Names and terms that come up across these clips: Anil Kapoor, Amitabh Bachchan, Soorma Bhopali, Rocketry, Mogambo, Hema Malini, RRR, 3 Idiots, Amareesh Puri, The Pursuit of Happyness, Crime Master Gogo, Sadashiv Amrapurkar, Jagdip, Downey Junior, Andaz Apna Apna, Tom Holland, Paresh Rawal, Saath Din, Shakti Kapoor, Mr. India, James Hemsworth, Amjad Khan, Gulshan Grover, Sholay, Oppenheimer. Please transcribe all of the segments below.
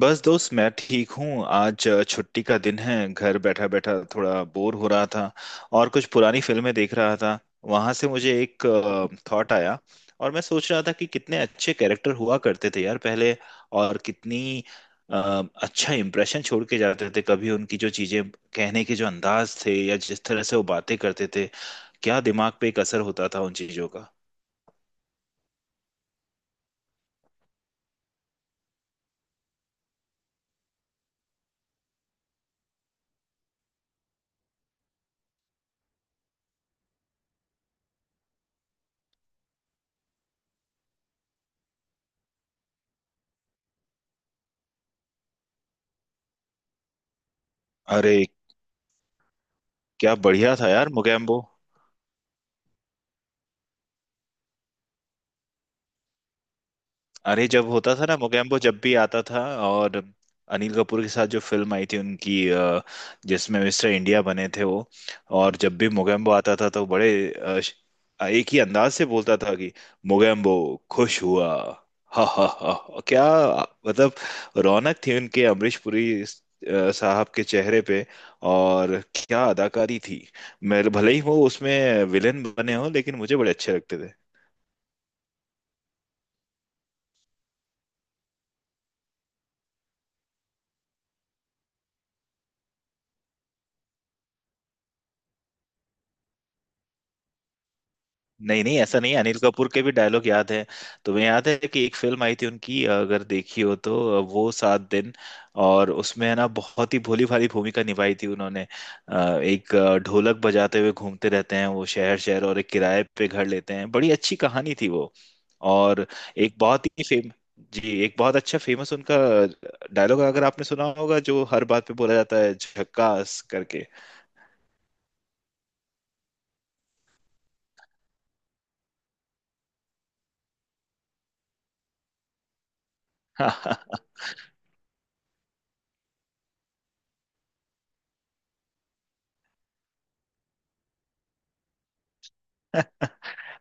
बस दोस्त मैं ठीक हूँ। आज छुट्टी का दिन है, घर बैठा बैठा थोड़ा बोर हो रहा था और कुछ पुरानी फिल्में देख रहा था। वहां से मुझे एक थॉट आया और मैं सोच रहा था कि कितने अच्छे कैरेक्टर हुआ करते थे यार पहले, और कितनी अच्छा इम्प्रेशन छोड़ के जाते थे। कभी उनकी जो चीजें कहने के जो अंदाज थे या जिस तरह से वो बातें करते थे, क्या दिमाग पे एक असर होता था उन चीजों का। अरे क्या बढ़िया था यार मोगैम्बो। अरे जब होता था ना मोगैम्बो, जब भी आता था, और अनिल कपूर के साथ जो फिल्म आई थी उनकी, जिसमें मिस्टर इंडिया बने थे वो, और जब भी मोगैम्बो आता था तो बड़े अ, श- एक ही अंदाज से बोलता था कि मोगैम्बो खुश हुआ। हा हा हा। और क्या मतलब, रौनक थी उनके अमरीश पुरी साहब के चेहरे पे, और क्या अदाकारी थी। मेरे भले ही वो उसमें विलेन बने हो, लेकिन मुझे बड़े अच्छे लगते थे। नहीं नहीं, ऐसा नहीं है, अनिल कपूर के भी डायलॉग याद है। तुम्हें याद है कि एक फिल्म आई थी उनकी, अगर देखी हो तो, वो 7 दिन, और उसमें है ना, बहुत ही भोली भाली भूमिका निभाई थी उन्होंने। एक ढोलक बजाते हुए घूमते रहते हैं वो शहर शहर, और एक किराए पे घर लेते हैं। बड़ी अच्छी कहानी थी वो। और एक बहुत ही फेम, जी, एक बहुत अच्छा फेमस उनका डायलॉग अगर आपने सुना होगा, जो हर बात पे बोला जाता है, झक्कास करके।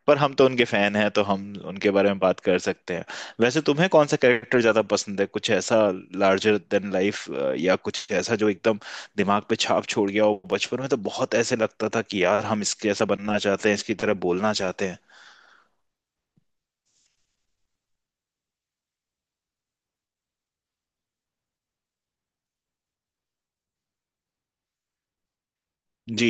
पर हम तो उनके फैन हैं, तो हम उनके बारे में बात कर सकते हैं। वैसे तुम्हें कौन सा कैरेक्टर ज्यादा पसंद है? कुछ ऐसा लार्जर देन लाइफ, या कुछ ऐसा जो एकदम दिमाग पे छाप छोड़ गया हो? बचपन में तो बहुत ऐसे लगता था कि यार, हम इसके ऐसा बनना चाहते हैं, इसकी तरह बोलना चाहते हैं। जी।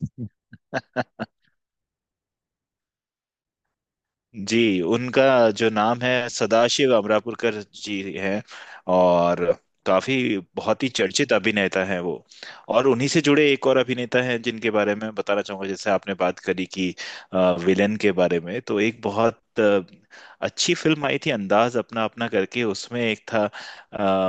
जी, उनका जो नाम है, सदाशिव अमरापुरकर जी हैं। और काफी, बहुत ही चर्चित अभिनेता हैं वो। और उन्हीं से जुड़े एक और अभिनेता हैं जिनके बारे में बताना चाहूंगा। जैसे आपने बात करी कि विलेन के बारे में, तो एक बहुत अच्छी फिल्म आई थी, अंदाज अपना अपना करके। उसमें एक था,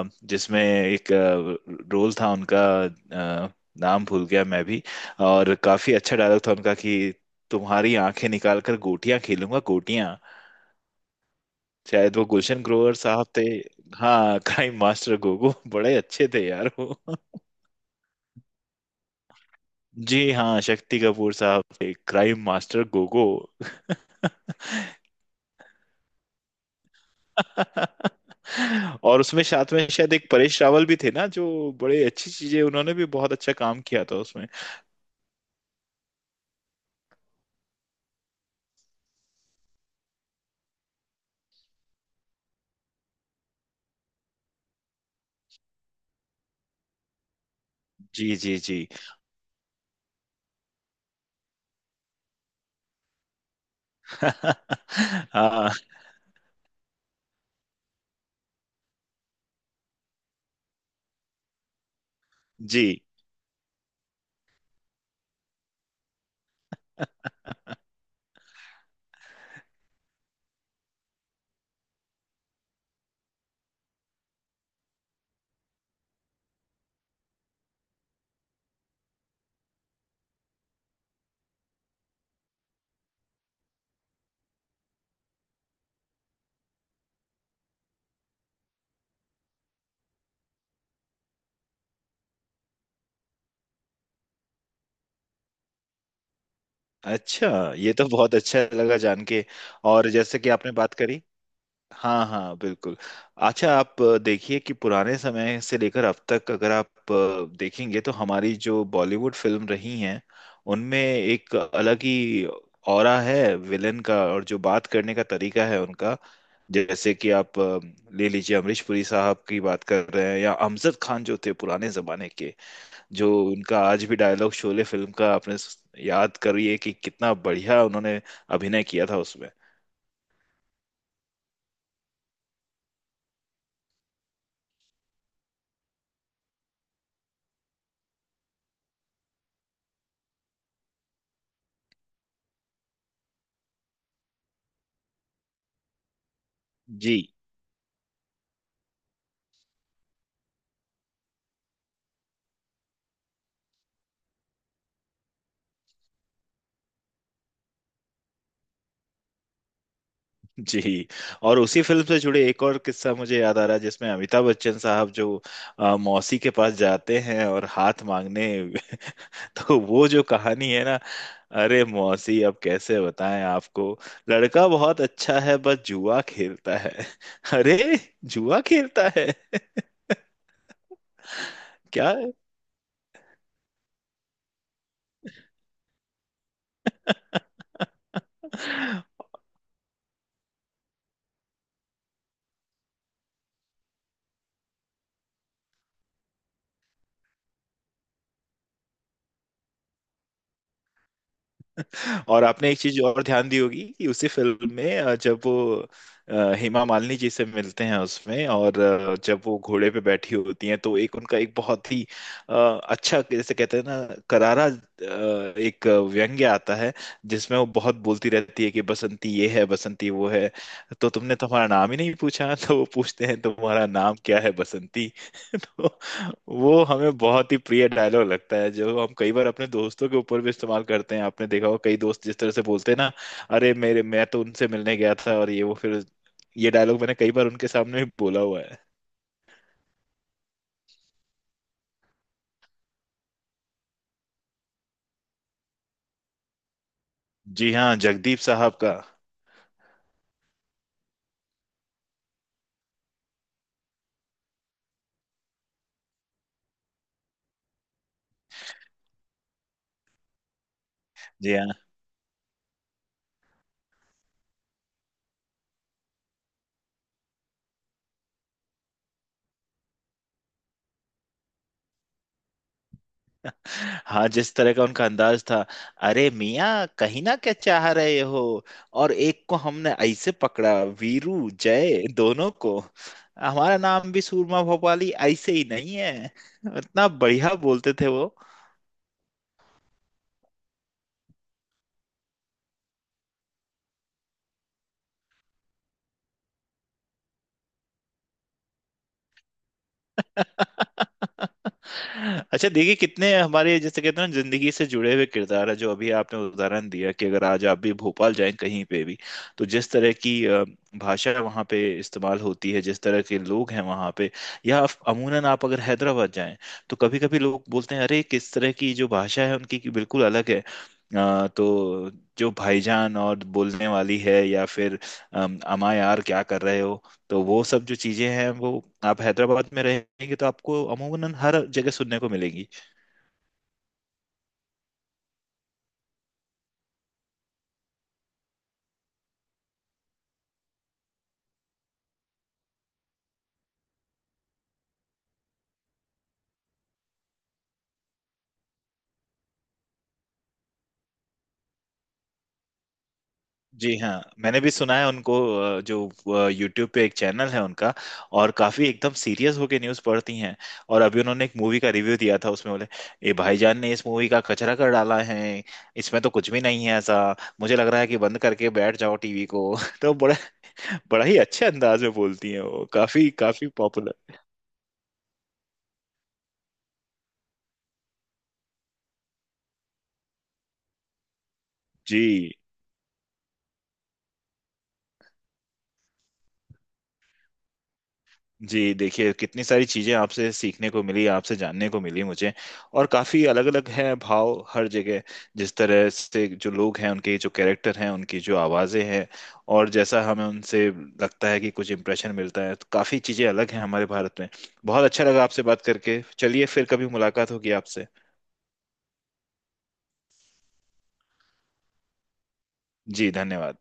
जिसमें एक रोल था उनका, अ, नाम भूल गया मैं भी। और काफी अच्छा डायलॉग था उनका कि तुम्हारी आंखें निकाल कर गोटियां खेलूंगा गोटियां। शायद वो गुलशन ग्रोवर साहब थे। हाँ, क्राइम मास्टर गोगो। बड़े अच्छे थे यार वो। जी हाँ, शक्ति कपूर साहब थे क्राइम मास्टर गोगो। और उसमें साथ में शायद एक परेश रावल भी थे ना, जो बड़े अच्छी चीजें, उन्होंने भी बहुत अच्छा काम किया था उसमें। जी जी जी। हाँ जी। अच्छा, ये तो बहुत अच्छा लगा जान के। और जैसे कि आपने बात करी। हाँ हाँ, बिल्कुल। अच्छा, आप देखिए कि पुराने समय से लेकर अब तक अगर आप देखेंगे, तो हमारी जो बॉलीवुड फिल्म रही हैं, उनमें एक अलग ही ऑरा है विलन का, और जो बात करने का तरीका है उनका। जैसे कि आप ले लीजिए, अमरीश पुरी साहब की बात कर रहे हैं, या अमजद खान जो थे पुराने जमाने के, जो उनका आज भी डायलॉग शोले फिल्म का, आपने याद करिए कि कितना बढ़िया उन्होंने अभिनय किया था उसमें। जी। जी। और उसी फिल्म से जुड़े एक और किस्सा मुझे याद आ रहा है, जिसमें अमिताभ बच्चन साहब जो मौसी के पास जाते हैं, और हाथ मांगने। तो वो जो कहानी है ना, अरे मौसी, अब कैसे बताएं आपको, लड़का बहुत अच्छा है, बस जुआ खेलता है। अरे जुआ खेलता है क्या। और आपने एक चीज और ध्यान दी होगी कि उसी फिल्म में जब वो हेमा मालिनी जी से मिलते हैं उसमें, और जब वो घोड़े पे बैठी होती हैं, तो एक उनका एक बहुत ही अ, अच्छा, जैसे कहते हैं ना, करारा एक व्यंग्य आता है, जिसमें वो बहुत बोलती रहती है कि बसंती ये है, बसंती वो है, तो तुमने तुम्हारा नाम ही नहीं पूछा। तो वो पूछते हैं, तुम्हारा नाम क्या है बसंती। तो वो हमें बहुत ही प्रिय डायलॉग लगता है, जो हम कई बार अपने दोस्तों के ऊपर भी इस्तेमाल करते हैं। आपने देखा होगा कई दोस्त जिस तरह से बोलते हैं ना, अरे मेरे, मैं तो उनसे मिलने गया था, और ये वो फिर, ये डायलॉग मैंने कई बार उनके सामने भी बोला हुआ है। जी हाँ, जगदीप साहब का। जी हाँ। हाँ, जिस तरह का उनका अंदाज था। अरे मियाँ कहीं ना क्या चाह रहे हो, और एक को हमने ऐसे पकड़ा, वीरू जय दोनों को। हमारा नाम भी सूरमा भोपाली ऐसे ही नहीं है। इतना बढ़िया बोलते थे वो। अच्छा देखिए, कितने हमारे, जैसे कहते हैं ना, जिंदगी से जुड़े हुए किरदार है जो अभी आपने उदाहरण दिया कि अगर आज आप भी भोपाल जाएं कहीं पे भी, तो जिस तरह की भाषा वहाँ पे इस्तेमाल होती है, जिस तरह के लोग हैं वहाँ पे, या आप- अमूनन आप अगर हैदराबाद जाएं, तो कभी कभी लोग बोलते हैं, अरे किस तरह की जो भाषा है उनकी, की बिल्कुल अलग है। तो जो भाईजान और बोलने वाली है, या फिर अमा यार क्या कर रहे हो, तो वो सब जो चीजें हैं, वो आप हैदराबाद में रहेंगे तो आपको अमूमन हर जगह सुनने को मिलेंगी। जी हाँ, मैंने भी सुना है उनको। जो यूट्यूब पे एक चैनल है उनका, और काफी एकदम सीरियस होके न्यूज पढ़ती हैं। और अभी उन्होंने एक मूवी का रिव्यू दिया था, उसमें बोले, ए भाईजान ने इस मूवी का कचरा कर डाला है, इसमें तो कुछ भी नहीं है ऐसा, मुझे लग रहा है कि बंद करके बैठ जाओ टीवी को। तो बड़ा बड़ा ही अच्छे अंदाज में बोलती हैं वो, काफी काफी पॉपुलर। जी। जी देखिए, कितनी सारी चीज़ें आपसे सीखने को मिली, आपसे जानने को मिली मुझे। और काफ़ी अलग अलग है भाव हर जगह, जिस तरह से जो लोग हैं, उनके जो कैरेक्टर हैं, उनकी जो आवाज़ें हैं, और जैसा हमें उनसे लगता है कि कुछ इंप्रेशन मिलता है, तो काफ़ी चीज़ें अलग हैं हमारे भारत में। बहुत अच्छा लगा आपसे बात करके। चलिए फिर कभी मुलाकात होगी आपसे। जी धन्यवाद।